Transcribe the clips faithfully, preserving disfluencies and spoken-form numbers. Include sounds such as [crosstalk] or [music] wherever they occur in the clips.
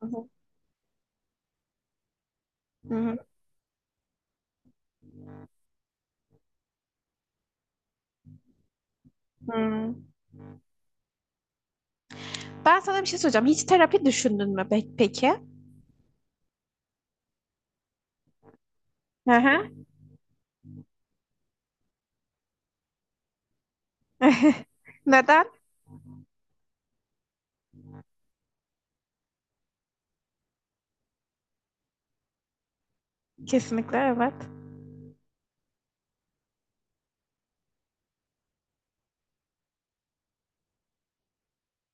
Hı hı, hı hı, hı. Ben sana bir şey soracağım. Hiç terapi düşündün mü pe- peki? Hı hı. [laughs] Neden? Kesinlikle evet.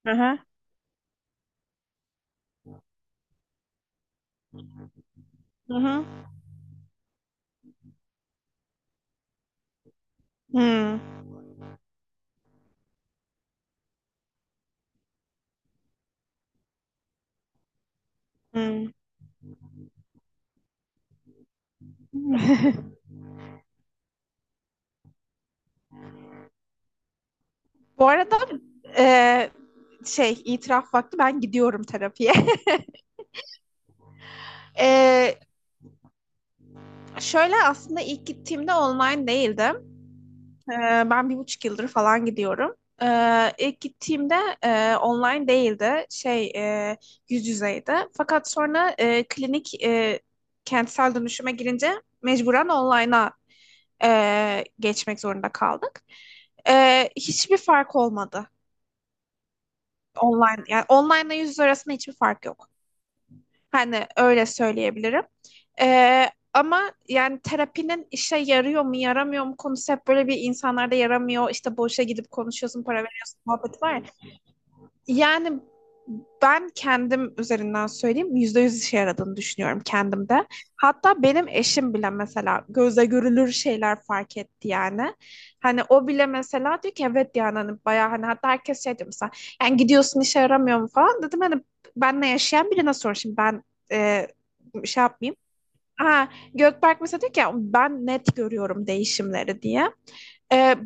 Hı hı. Hı hı. Hı, hı. [laughs] Bu arada, e, şey itiraf vakti ben gidiyorum terapiye. [laughs] E, şöyle aslında ilk gittiğimde online değildim. Ee, Ben bir buçuk yıldır falan gidiyorum. Ee, ilk gittiğimde e, online değildi, şey, e, yüz yüzeydi. Fakat sonra e, klinik, e, kentsel dönüşüme girince mecburen online'a e, geçmek zorunda kaldık. Ee, hiçbir fark olmadı online, yani online ile yüz yüze arasında hiçbir fark yok. Hani öyle söyleyebilirim. Ee, ama yani terapinin işe yarıyor mu yaramıyor mu konusu hep böyle bir insanlarda yaramıyor. İşte boşa gidip konuşuyorsun, para veriyorsun, muhabbet var ya. Yani ben kendim üzerinden söyleyeyim, yüzde yüz işe yaradığını düşünüyorum kendimde. Hatta benim eşim bile mesela gözle görülür şeyler fark etti yani. Hani o bile mesela diyor ki evet yani hani bayağı hani, hatta herkes şey diyor mesela, yani gidiyorsun işe yaramıyor mu falan dedim hani, benle yaşayan birine sor şimdi ben e, şey yapmayayım. Ha, Gökberk mesela diyor ki "Ya ben net görüyorum değişimleri" diye. E,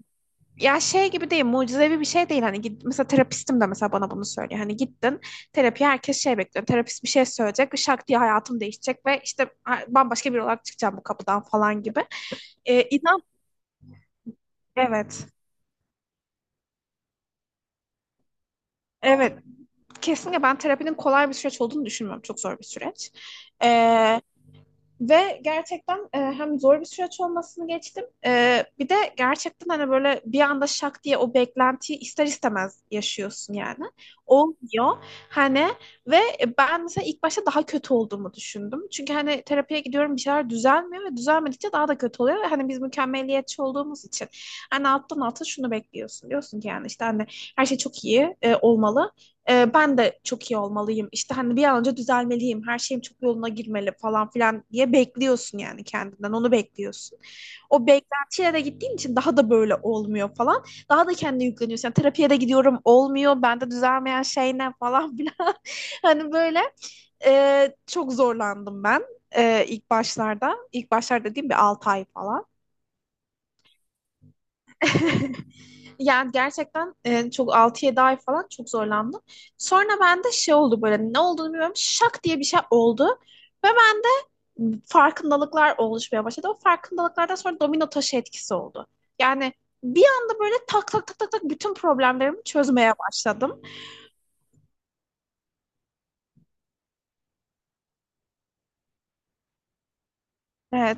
ya şey gibi değil, mucizevi bir şey değil. Hani git, mesela terapistim de mesela bana bunu söylüyor. Hani gittin terapiye, herkes şey bekliyor. Terapist bir şey söyleyecek ve şak diye hayatım değişecek ve işte ha- bambaşka biri olarak çıkacağım bu kapıdan falan gibi. Ee, inan, evet. Evet, kesinlikle ben terapinin kolay bir süreç olduğunu düşünmüyorum. Çok zor bir süreç. Ee, Ve gerçekten e, hem zor bir süreç olmasını geçtim. E, bir de gerçekten hani böyle bir anda şak diye o beklentiyi ister istemez yaşıyorsun yani. Olmuyor, hani, ve ben mesela ilk başta daha kötü olduğumu düşündüm. Çünkü hani terapiye gidiyorum, bir şeyler düzelmiyor ve düzelmedikçe daha da kötü oluyor. Ve hani biz mükemmeliyetçi olduğumuz için hani alttan alta şunu bekliyorsun. Diyorsun ki yani işte hani her şey çok iyi e, olmalı, e, ben de çok iyi olmalıyım. İşte hani bir an önce düzelmeliyim. Her şeyim çok yoluna girmeli falan filan diye bekliyorsun yani kendinden. Onu bekliyorsun. O beklentiye de gittiğin için daha da böyle olmuyor falan. Daha da kendine yükleniyorsun. Yani terapiye de gidiyorum, olmuyor. Bende düzelmeyen şey ne falan filan. [laughs] Hani böyle e, çok zorlandım ben. E, ilk başlarda. İlk başlarda dediğim bir altı ay falan. [laughs] Yani gerçekten, e, çok altı yedi ay falan çok zorlandım. Sonra bende şey oldu, böyle ne olduğunu bilmiyorum, şak diye bir şey oldu. Ve ben, farkındalıklar oluşmaya başladı. O farkındalıklardan sonra domino taşı etkisi oldu. Yani bir anda böyle tak tak tak tak tak bütün problemlerimi çözmeye başladım. Evet.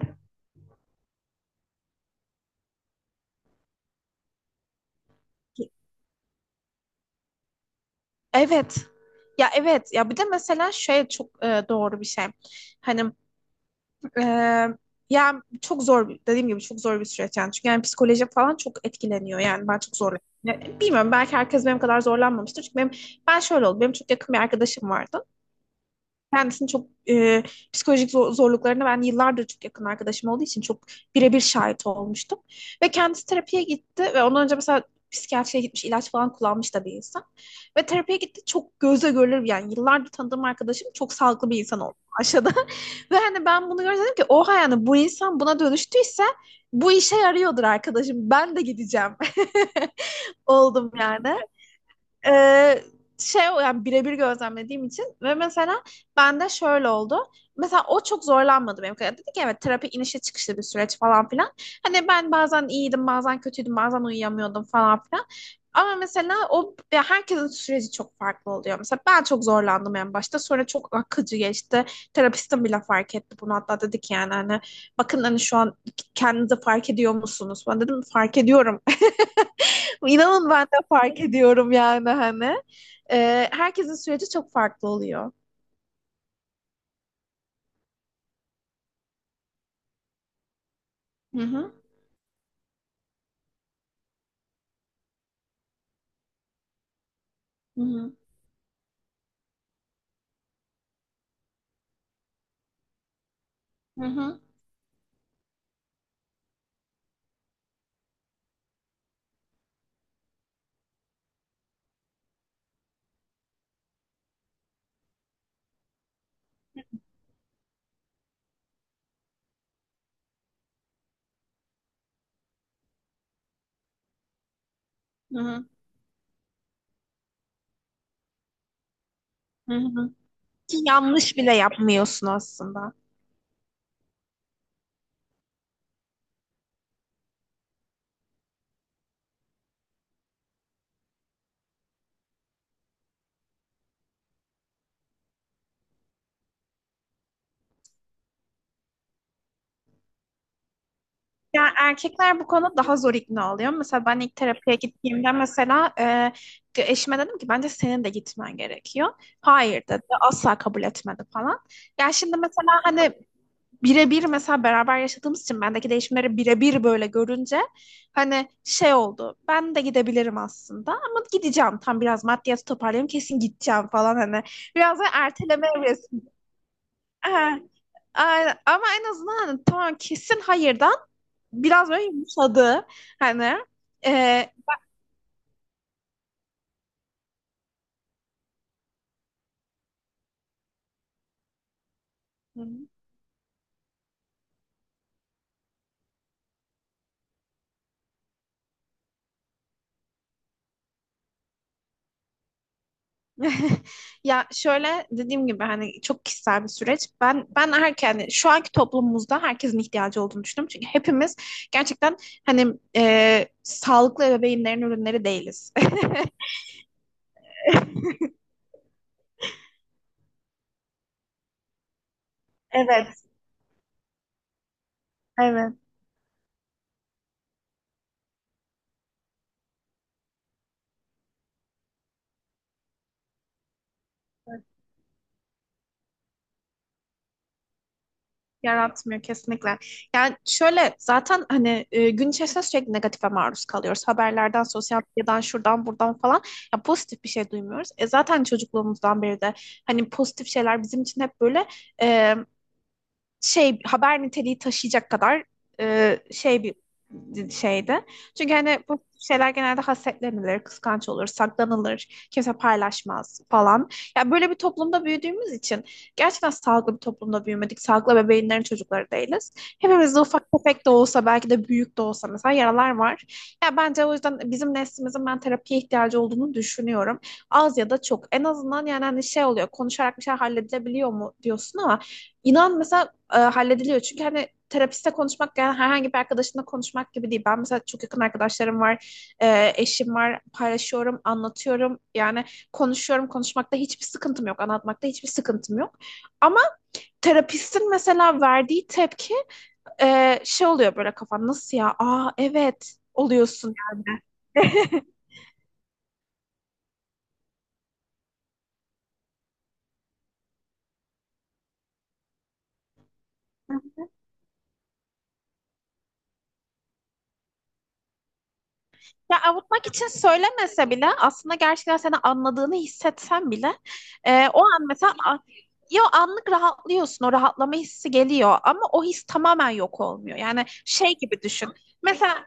Evet. Ya evet. Ya bir de mesela şey çok e, doğru bir şey. Hani, Ee, yani çok zor bir- dediğim gibi çok zor bir süreç yani, çünkü yani psikoloji falan çok etkileniyor yani, ben çok zorlanıyorum. Ya, bilmiyorum, belki herkes benim kadar zorlanmamıştır çünkü benim, ben şöyle oldu, benim çok yakın bir arkadaşım vardı, kendisini çok, e, psikolojik zor- zorluklarına, ben yıllardır çok yakın arkadaşım olduğu için çok birebir şahit olmuştum. Ve kendisi terapiye gitti ve ondan önce mesela psikiyatriye gitmiş, ilaç falan kullanmış da bir insan. Ve terapiye gitti, çok göze görülür, yani yıllardır tanıdığım arkadaşım çok sağlıklı bir insan oldu aşağıda. [laughs] Ve hani ben bunu gördüm, dedim ki oha, yani bu insan buna dönüştüyse bu işe yarıyordur arkadaşım, ben de gideceğim [laughs] oldum yani. Ee, Şey, yani birebir gözlemlediğim için ve mesela bende şöyle oldu. Mesela o çok zorlanmadı benim kadar. Dedi ki evet, terapi inişe çıkışlı bir süreç falan filan. Hani ben bazen iyiydim, bazen kötüydüm, bazen uyuyamıyordum falan filan. Ama mesela o, ya herkesin süreci çok farklı oluyor. Mesela ben çok zorlandım en başta. Sonra çok akıcı geçti. Terapistim bile fark etti bunu. Hatta dedi ki yani hani bakın, hani şu an kendinizi fark ediyor musunuz? Ben dedim fark ediyorum. İnanın, ben de fark ediyorum yani hani. Ee, herkesin süreci çok farklı oluyor. Hı hı, hı hı, hı hı, hı hı, hı hı. Ki yanlış bile yapmıyorsun aslında. Yani erkekler bu konuda daha zor ikna oluyor. Mesela ben ilk terapiye gittiğimde mesela e, eşime dedim ki bence senin de gitmen gerekiyor. Hayır dedi. Asla kabul etmedi falan. Ya şimdi mesela hani, birebir mesela beraber yaşadığımız için bendeki değişimleri birebir böyle görünce hani şey oldu. Ben de gidebilirim aslında, ama gideceğim. Tam biraz maddiyatı toparlayayım, kesin gideceğim falan hani. Biraz da erteleme evresi. Ha, aynen. Ama en azından hani, tamam, kesin hayırdan biraz böyle yumuşadı. Hani. e, [laughs] Ya şöyle dediğim gibi hani çok kişisel bir süreç. Ben ben erken, yani şu anki toplumumuzda herkesin ihtiyacı olduğunu düşünüyorum. Çünkü hepimiz gerçekten hani e, sağlıklı ebeveynlerin ürünleri değiliz. [laughs] Evet, evet. Yaratmıyor kesinlikle. Yani şöyle, zaten hani e, gün içerisinde sürekli negatife maruz kalıyoruz. Haberlerden, sosyal medyadan, şuradan, buradan falan. Ya pozitif bir şey duymuyoruz. E zaten çocukluğumuzdan beri de hani pozitif şeyler bizim için hep böyle, e, şey, haber niteliği taşıyacak kadar e, şey bir şeydi. Çünkü hani bu şeyler genelde hasetlenilir, kıskanç olur, saklanılır, kimse paylaşmaz falan. Ya böyle bir toplumda büyüdüğümüz için gerçekten sağlıklı bir toplumda büyümedik. Sağlıklı bebeğinlerin çocukları değiliz. Hepimizde ufak tefek de olsa, belki de büyük de olsa mesela yaralar var. Ya bence o yüzden bizim neslimizin, ben terapiye ihtiyacı olduğunu düşünüyorum. Az ya da çok. En azından yani hani şey oluyor, konuşarak bir şey halledilebiliyor mu diyorsun, ama inan mesela e, hallediliyor. Çünkü hani terapiste konuşmak yani herhangi bir arkadaşınla konuşmak gibi değil. Ben mesela çok yakın arkadaşlarım var, e, eşim var, paylaşıyorum, anlatıyorum. Yani konuşuyorum, konuşmakta hiçbir sıkıntım yok, anlatmakta hiçbir sıkıntım yok. Ama terapistin mesela verdiği tepki, e, şey oluyor, böyle kafan nasıl ya? Aa evet oluyorsun. Ya avutmak için söylemese bile, aslında gerçekten seni anladığını hissetsen bile, e, o an mesela, a- ya anlık rahatlıyorsun, o rahatlama hissi geliyor ama o his tamamen yok olmuyor. Yani şey gibi düşün. Mesela,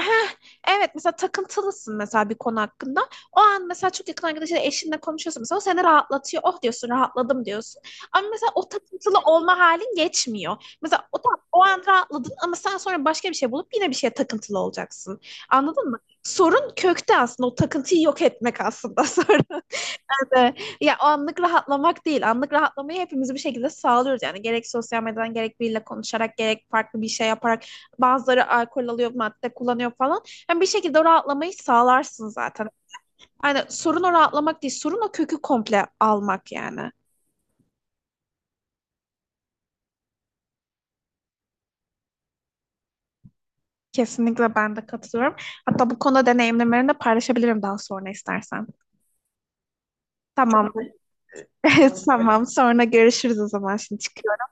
Heh, evet, mesela takıntılısın mesela bir konu hakkında. O an mesela çok yakın arkadaşıyla, eşinle konuşuyorsun, mesela o seni rahatlatıyor. Oh diyorsun, rahatladım diyorsun. Ama mesela o takıntılı olma halin geçmiyor. Mesela o, tam- o an rahatladın ama sen sonra başka bir şey bulup yine bir şeye takıntılı olacaksın. Anladın mı? Sorun kökte, aslında o takıntıyı yok etmek aslında [laughs] sorun. Kesinlikle. Ya o anlık rahatlamak değil. Anlık rahatlamayı hepimiz bir şekilde sağlıyoruz. Yani gerek sosyal medyadan, gerek biriyle konuşarak, gerek farklı bir şey yaparak, bazıları alkol alıyor, madde kullanıyor falan. Yani bir şekilde o rahatlamayı sağlarsın zaten. Yani sorun o rahatlamak değil, sorun o kökü komple almak yani. Kesinlikle ben de katılıyorum. Hatta bu konuda deneyimlerimi de paylaşabilirim daha sonra istersen. Tamam. [laughs] Tamam. Tamam, sonra görüşürüz o zaman. Şimdi çıkıyorum.